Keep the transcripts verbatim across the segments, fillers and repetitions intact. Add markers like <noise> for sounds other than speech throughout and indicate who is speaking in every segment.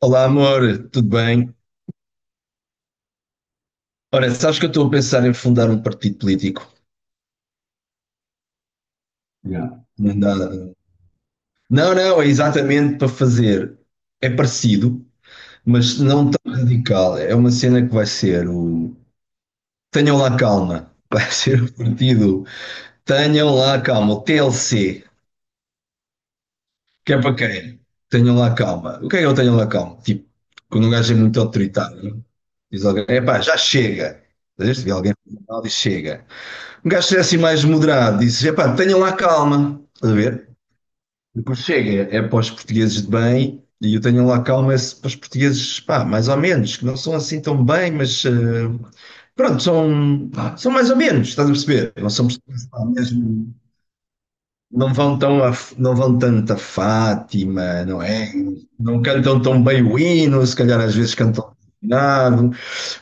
Speaker 1: Olá, amor, tudo bem? Ora, sabes que eu estou a pensar em fundar um partido político? Yeah. Não, nada. não, não, é exatamente para fazer. É parecido, mas não tão radical. É uma cena que vai ser o. Tenham lá calma. <laughs> Vai ser o partido. Tenham lá calma. O T L C. Que é para quem? Tenham lá calma. O que é que eu tenho lá calma? Tipo, quando um gajo é muito autoritário, diz alguém: epá, já chega. Às vezes vê alguém e diz: chega. Um gajo ser assim mais moderado, disse: epá, tenham lá calma, estás a ver? Depois chega, é é para os portugueses de bem, e eu tenho lá calma é para os portugueses, pá, mais ou menos, que não são assim tão bem, mas eh, pronto, são, são mais ou menos, estás a perceber? Não são pessoas, pá, mesmo, não vão tão a, não vão tanto a Fátima, não é? Não cantam tão bem o hino, se calhar às vezes cantam nada,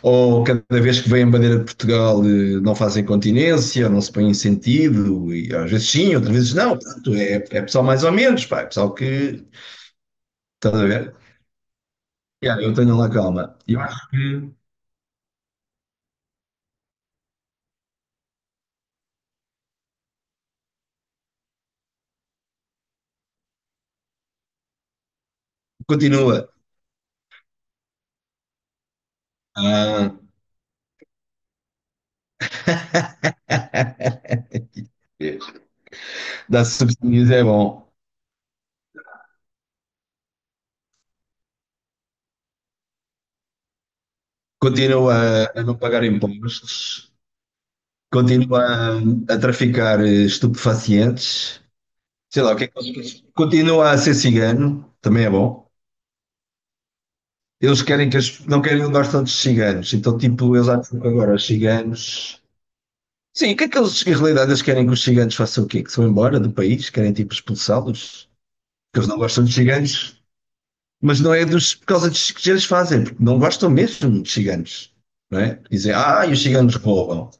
Speaker 1: ou cada vez que vem a bandeira de Portugal eh, não fazem continência, não se põem em sentido, e às vezes sim, outras vezes não. Portanto, é, é pessoal mais ou menos, pá, é pessoal que. Estás a ver? Yeah, eu tenho lá calma. Eu acho que continua. Ah. <laughs> Dar subsídios é bom. Continua a não pagar impostos, continua a, traficar eh, estupefacientes, sei lá o que é que continua a ser cigano, também é bom. Eles querem que as, não querem onde tantos ciganos, então tipo, eles acham que agora os ciganos. Sim, o que é que eles, em realidade, eles querem que os ciganos façam o quê? Que se vão embora do país? Querem tipo expulsá-los? Porque eles não gostam de ciganos, mas não é dos, por causa dos que eles fazem, porque não gostam mesmo de ciganos, não é? Dizem, ah, e os ciganos roubam.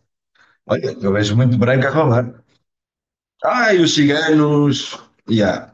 Speaker 1: Olha, eu vejo muito branco a roubar. Ah, e os ciganos. Yeah.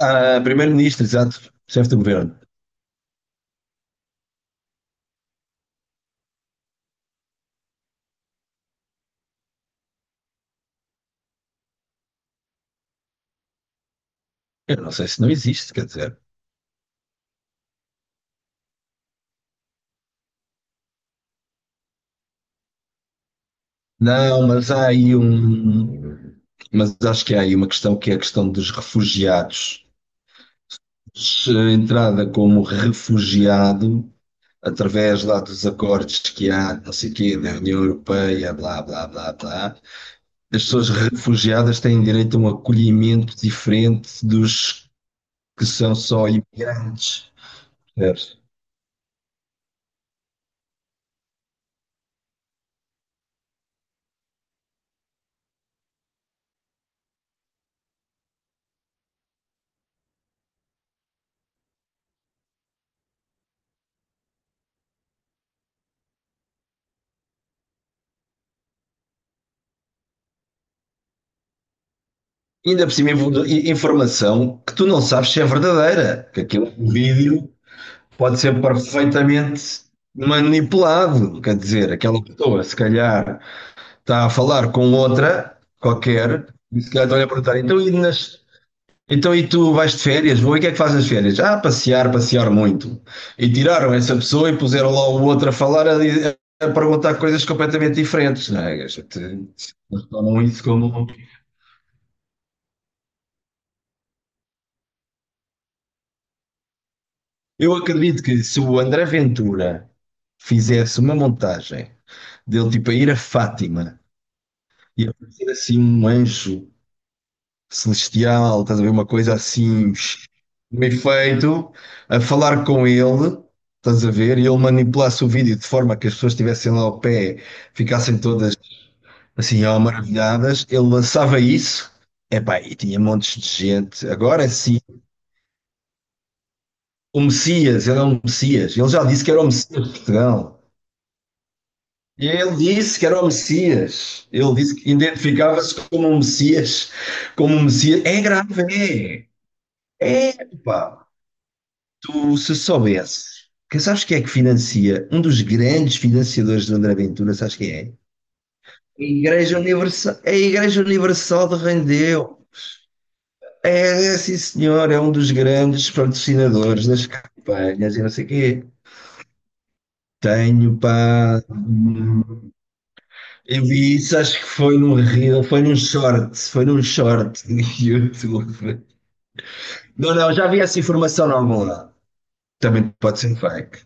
Speaker 1: Ah, primeiro-ministro, exato, chefe do governo. Eu não sei se não existe, quer dizer. Não, mas há aí um. Mas acho que há aí uma questão que é a questão dos refugiados. Se a entrada como refugiado, através lá dos acordos que há, não sei o quê, da União Europeia, blá, blá, blá, blá, as pessoas refugiadas têm direito a um acolhimento diferente dos que são só imigrantes. Percebes? Ainda por cima, invo- informação que tu não sabes se é verdadeira, que aquele vídeo pode ser perfeitamente manipulado. Quer dizer, aquela pessoa, se calhar, está a falar com outra qualquer, e se calhar estão-lhe a perguntar: então e, nas- então, e tu vais de férias? Vou, e o que é que fazes nas férias? Ah, passear, passear muito. E tiraram essa pessoa e puseram lá o outro a falar, a, di- a perguntar coisas completamente diferentes, não é? A gente- Eles tomam isso como. Um. Eu acredito que se o André Ventura fizesse uma montagem dele tipo a ir a Fátima e aparecer assim um anjo celestial, estás a ver? Uma coisa assim, meio feito, a falar com ele, estás a ver? E ele manipulasse o vídeo de forma que as pessoas estivessem lá ao pé, ficassem todas assim, ó, maravilhadas. Ele lançava isso, epá, e tinha montes de gente. Agora sim, o Messias, ele é um Messias. Ele já disse que era o Messias de Portugal. E ele disse que era o Messias. Ele disse que identificava-se como um Messias. Como um Messias. É grave, é. Epá, tu se soubesses, que sabes quem é que financia, um dos grandes financiadores do André Ventura, sabes quem é? A Igreja Universal, a Igreja Universal de Rendeu. É, é, sim senhor, é um dos grandes patrocinadores das campanhas e não sei o quê. Tenho, pá, hum, eu vi isso, acho que foi num reel, foi num short, foi num short de YouTube. Não, não, já vi essa informação em algum lado. Também pode ser fake.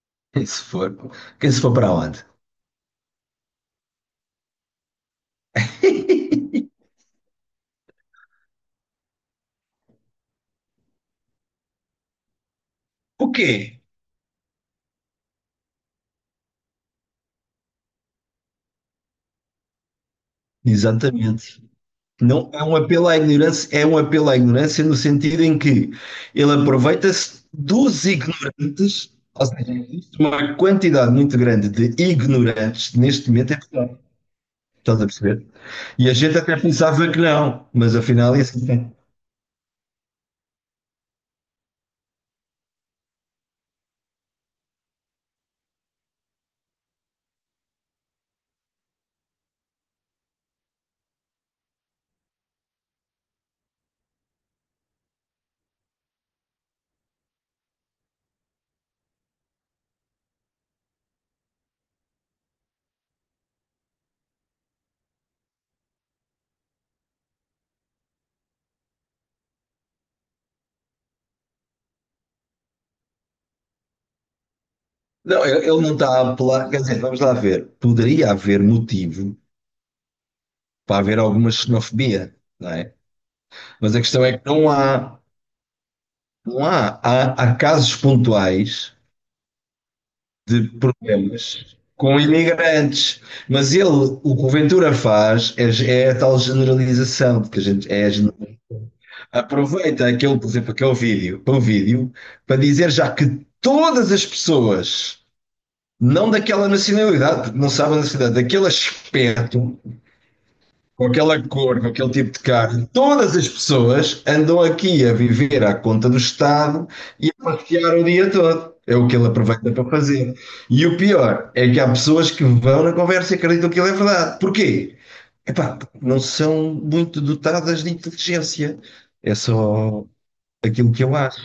Speaker 1: <laughs> Quem se for, quem se for para onde? O quê? Exatamente. Não é um apelo à ignorância, é um apelo à ignorância no sentido em que ele aproveita-se dos ignorantes, ou seja, existe uma quantidade muito grande de ignorantes neste momento em Portugal. Estás a perceber? E a gente até pensava que não, mas afinal é assim. Não, ele ele não está a apelar, quer dizer, vamos lá ver. Poderia haver motivo para haver alguma xenofobia, não é? Mas a questão é que não há, não há, há, há casos pontuais de problemas com imigrantes. Mas ele, o que o Ventura faz é, é a tal generalização de que a gente é, aproveita aquele, por exemplo, aquele vídeo, para o vídeo, para dizer já que todas as pessoas, não daquela nacionalidade, porque não sabem a nacionalidade, daquele aspecto, com aquela cor, com aquele tipo de carro, todas as pessoas andam aqui a viver à conta do Estado e a passear o dia todo. É o que ele aproveita para fazer. E o pior é que há pessoas que vão na conversa e acreditam que ele é verdade. Porquê? Epá, porque não são muito dotadas de inteligência. É só aquilo que eu acho.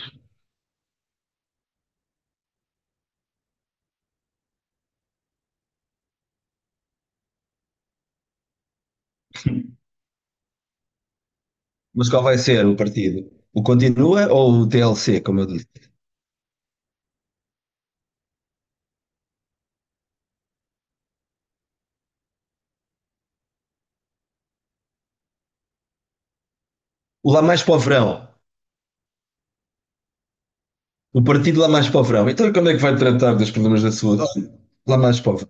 Speaker 1: Mas qual vai ser o partido? O Continua ou o T L C, como eu disse? O Lá Mais Povrão. O partido Lá Mais Povrão. Então, como é que vai tratar dos problemas da saúde? Lá Mais Povrão.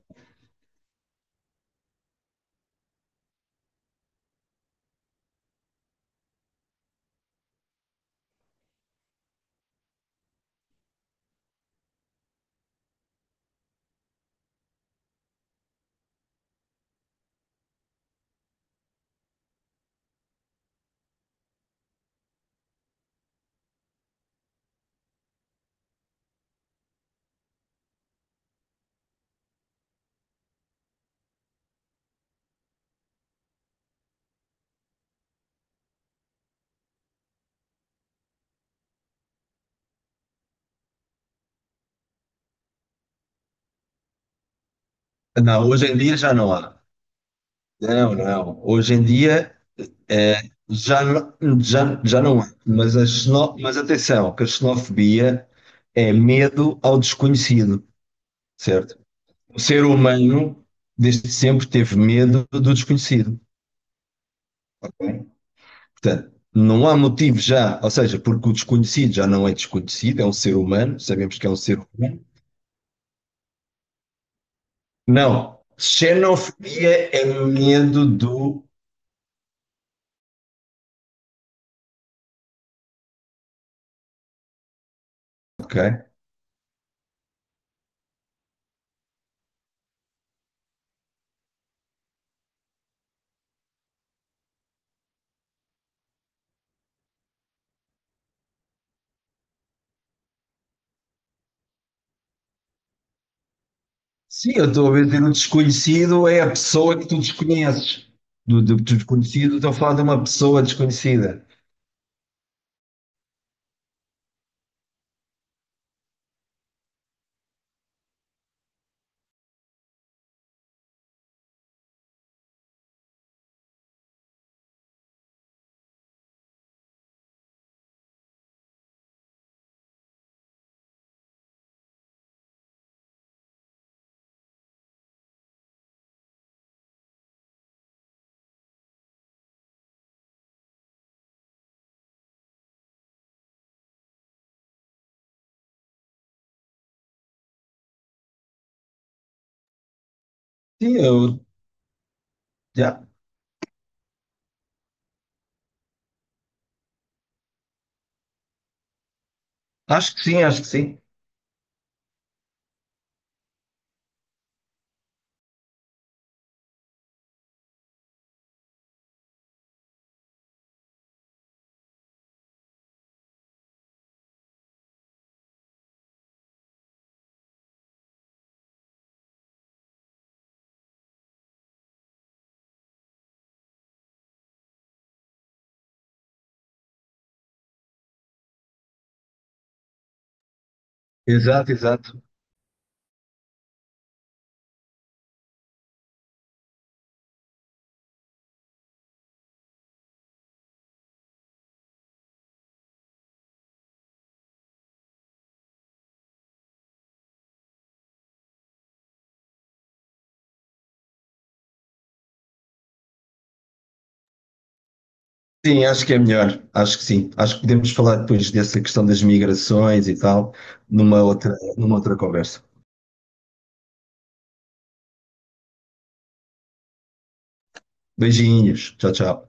Speaker 1: Não, hoje em dia já não há. Não, não. Hoje em dia é, já, não- já, já não há. Mas, a xeno... Mas atenção, que a xenofobia é medo ao desconhecido, certo? O ser humano desde sempre teve medo do desconhecido. Portanto, não há motivo já, ou seja, porque o desconhecido já não é desconhecido, é um ser humano, sabemos que é um ser humano. Não. Xenofobia é medo do. Ok? Sim, eu estou a dizer o desconhecido é a pessoa que tu desconheces. Do, do, do desconhecido, estou a falar de uma pessoa desconhecida. Sim, eu já. Acho que sim, acho que sim. Exato, exato. Sim, acho que é melhor. Acho que sim. Acho que podemos falar depois dessa questão das migrações e tal, numa outra, numa outra conversa. Beijinhos. Tchau, tchau.